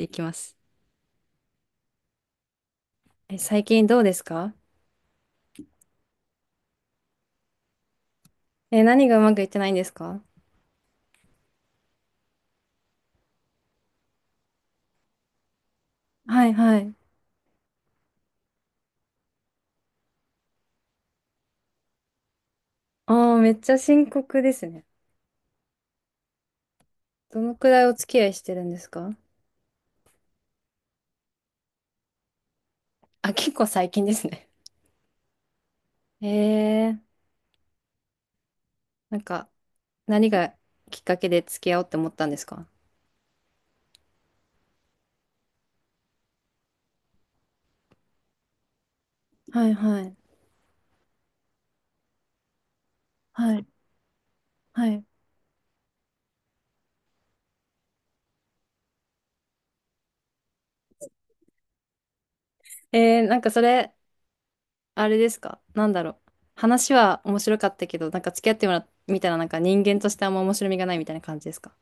いきます。最近どうですか？何がうまくいってないんですか？はいはい。ああ、めっちゃ深刻ですね。どのくらいお付き合いしてるんですか？あ、結構最近ですね。ええ、なんか、何がきっかけで付き合おうって思ったんですか？はいはい。はい。はい。なんかそれ、あれですか？なんだろう。話は面白かったけど、なんか付き合ってもらみたらなんか人間としてあんま面白みがないみたいな感じですか？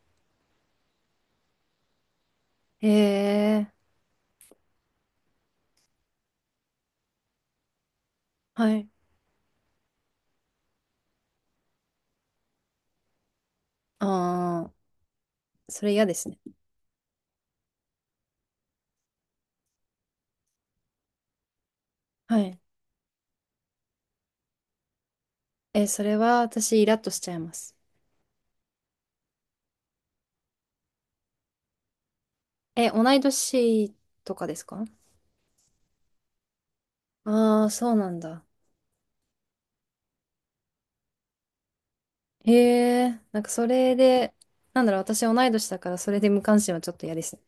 ええ、はい。ああ、それ嫌ですね。はい。え、それは私イラッとしちゃいます。え、同い年とかですか？ああー、そうなんだ。へえ、なんかそれで、なんだろう、私同い年だからそれで無関心はちょっと嫌ですね。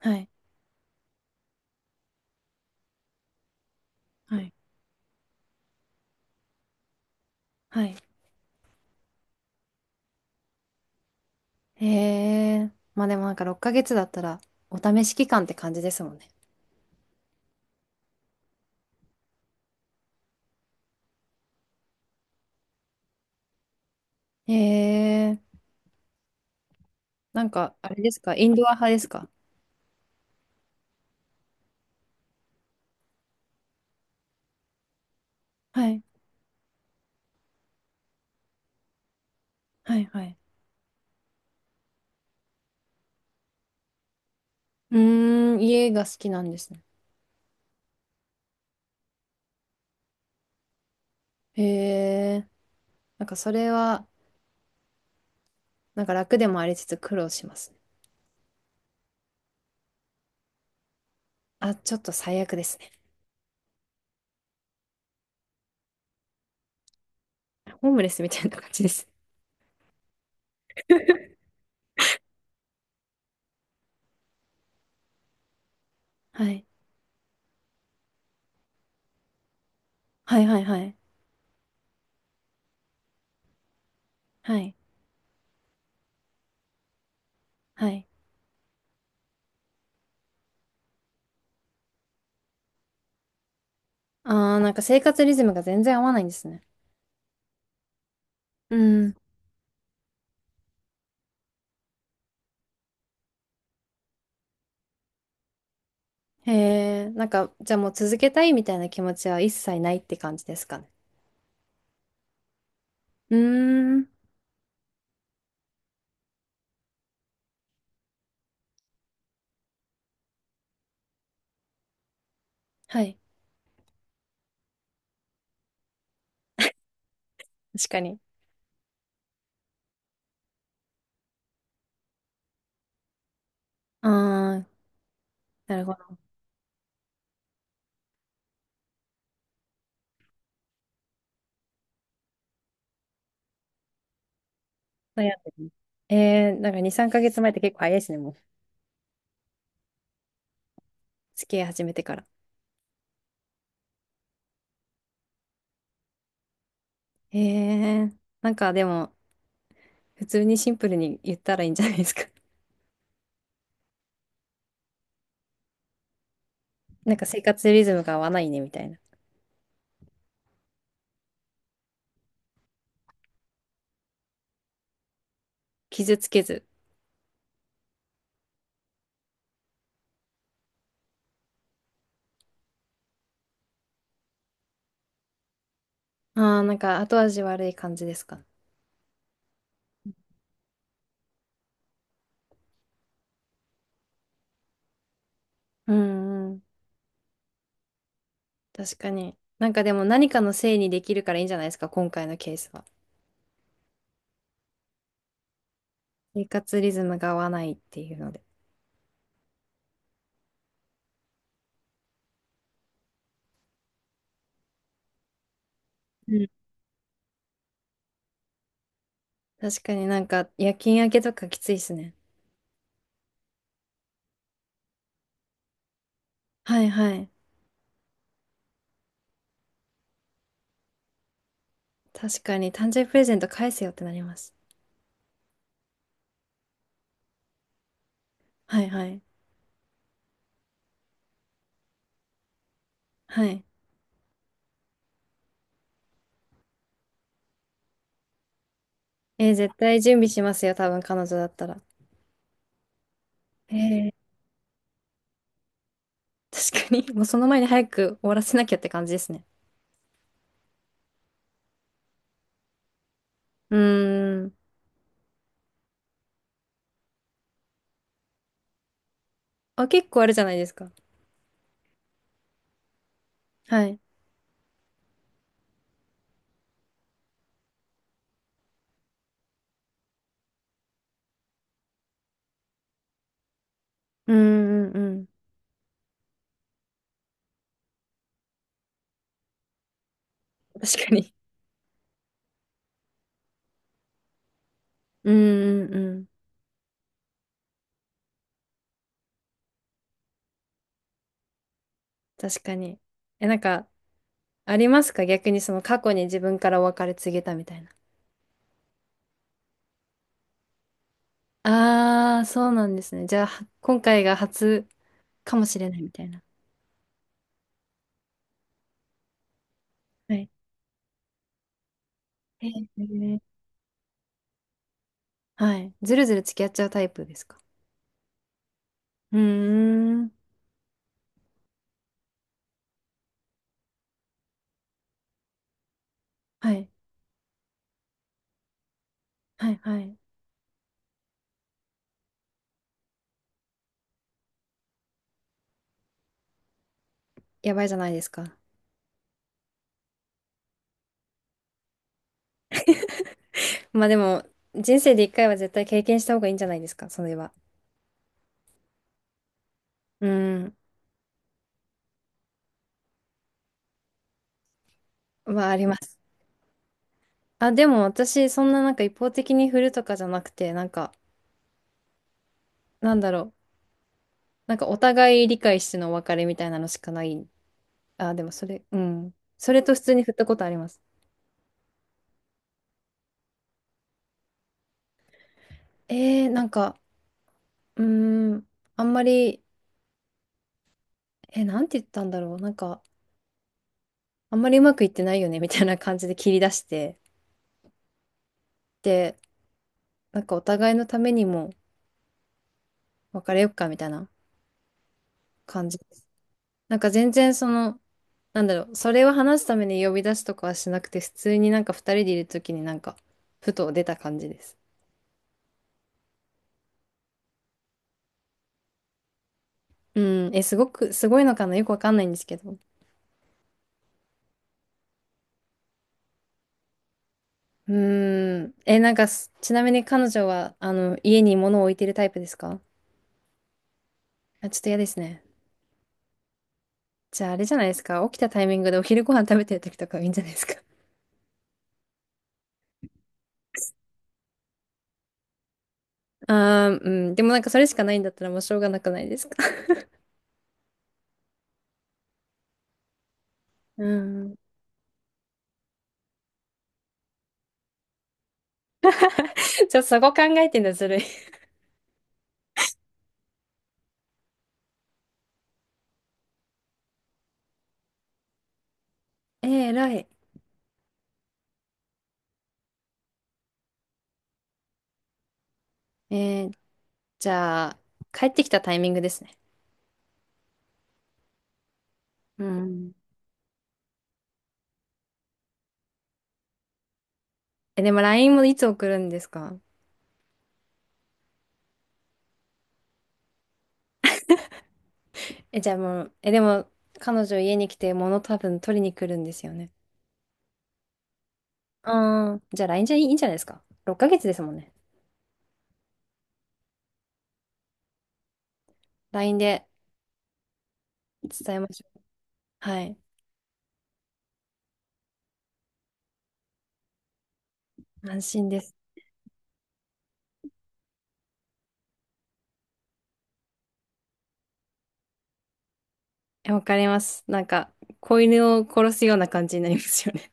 はい、はい、はい。へえ、まあでもなんか6ヶ月だったらお試し期間って感じですもんね。へえ、なんかあれですか、インドア派ですか？はい、はい、はい。うーん、家が好きなんですね。へえ、なんかそれは、なんか楽でもありつつ苦労しますね。あ、ちょっと最悪ですね。ホームレスみたいな感じです。はい。はいはいはい。はい。はい。あー、なんか生活リズムが全然合わないんですね。うん。へえ、なんか、じゃあもう続けたいみたいな気持ちは一切ないって感じですかね？うーん。はい。確かに。ああ、なるほど。悩んでる。なんか2、3ヶ月前って結構早いですね、もう。付き合い始めてから。なんかでも、普通にシンプルに言ったらいいんじゃないですか？なんか生活リズムが合わないね、みたいな。傷つけず。ああ、なんか後味悪い感じですか？うんうん。確かに。なんかでも何かのせいにできるからいいんじゃないですか、今回のケースは？生活リズムが合わないっていうので。うん。確かになんか夜勤明けとかきついっすね。はいはい。確かに誕生日プレゼント返せよってなります。はいはい。はい。絶対準備しますよ、多分彼女だったら。えー確かに。もうその前に早く終わらせなきゃって感じですね。うーん。あ、結構あるじゃないですか。はい。うんうんうん。確かに。うんうんうん。確かに。え、なんか、ありますか？逆にその過去に自分からお別れ告げたみたいな。ああ、そうなんですね。じゃあ、今回が初かもしれないみたいな。はい。へえ。はい。ずるずる付き合っちゃうタイプですか？うーん。はい。はい、はい。やばいじゃないですか。まあでも、人生で一回は絶対経験した方がいいんじゃないですか、それは。うん。まあ、あります。あ、でも私、そんななんか一方的に振るとかじゃなくて、なんか、なんだろう。なんかお互い理解してのお別れみたいなのしかない。あ、でもそれ、うん。それと普通に振ったことあります。なんか、うーん、あんまり、なんて言ったんだろう。なんか、あんまりうまくいってないよね、みたいな感じで切り出して、で、なんかお互いのためにも別れよっか、みたいな感じです。なんか全然その、なんだろう、それを話すために呼び出すとかはしなくて、普通になんか二人でいるときになんか、ふと出た感じです。うん、すごく、すごいのかな、よくわかんないんですけど。うーん。え、なんかちなみに彼女は、家に物を置いてるタイプですか？あ、ちょっと嫌ですね。じゃあ、あれじゃないですか？起きたタイミングでお昼ご飯食べてる時とかはいいんじゃないですか？あー、うん。でもなんかそれしかないんだったらもうしょうがなくないですか？うん。じゃあ、そこ考えてんだ、ずるい。偉い。えー、じゃあ、帰ってきたタイミングですね。うん。え、でも LINE もいつ送るんですか？え、じゃあもう、え、でも、彼女家に来て物多分取りに来るんですよね。ああ、じゃあ LINE じゃいいんじゃないですか？6ヶ月ですもんね。LINE で伝えましょう。はい。安心です。え、わかります。なんか、子犬を殺すような感じになりますよね。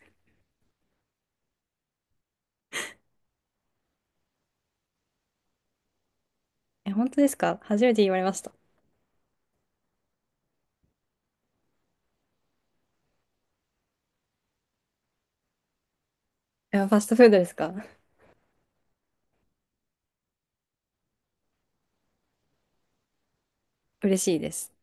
え、本当ですか？初めて言われました。え、ファストフードですか？嬉しいです。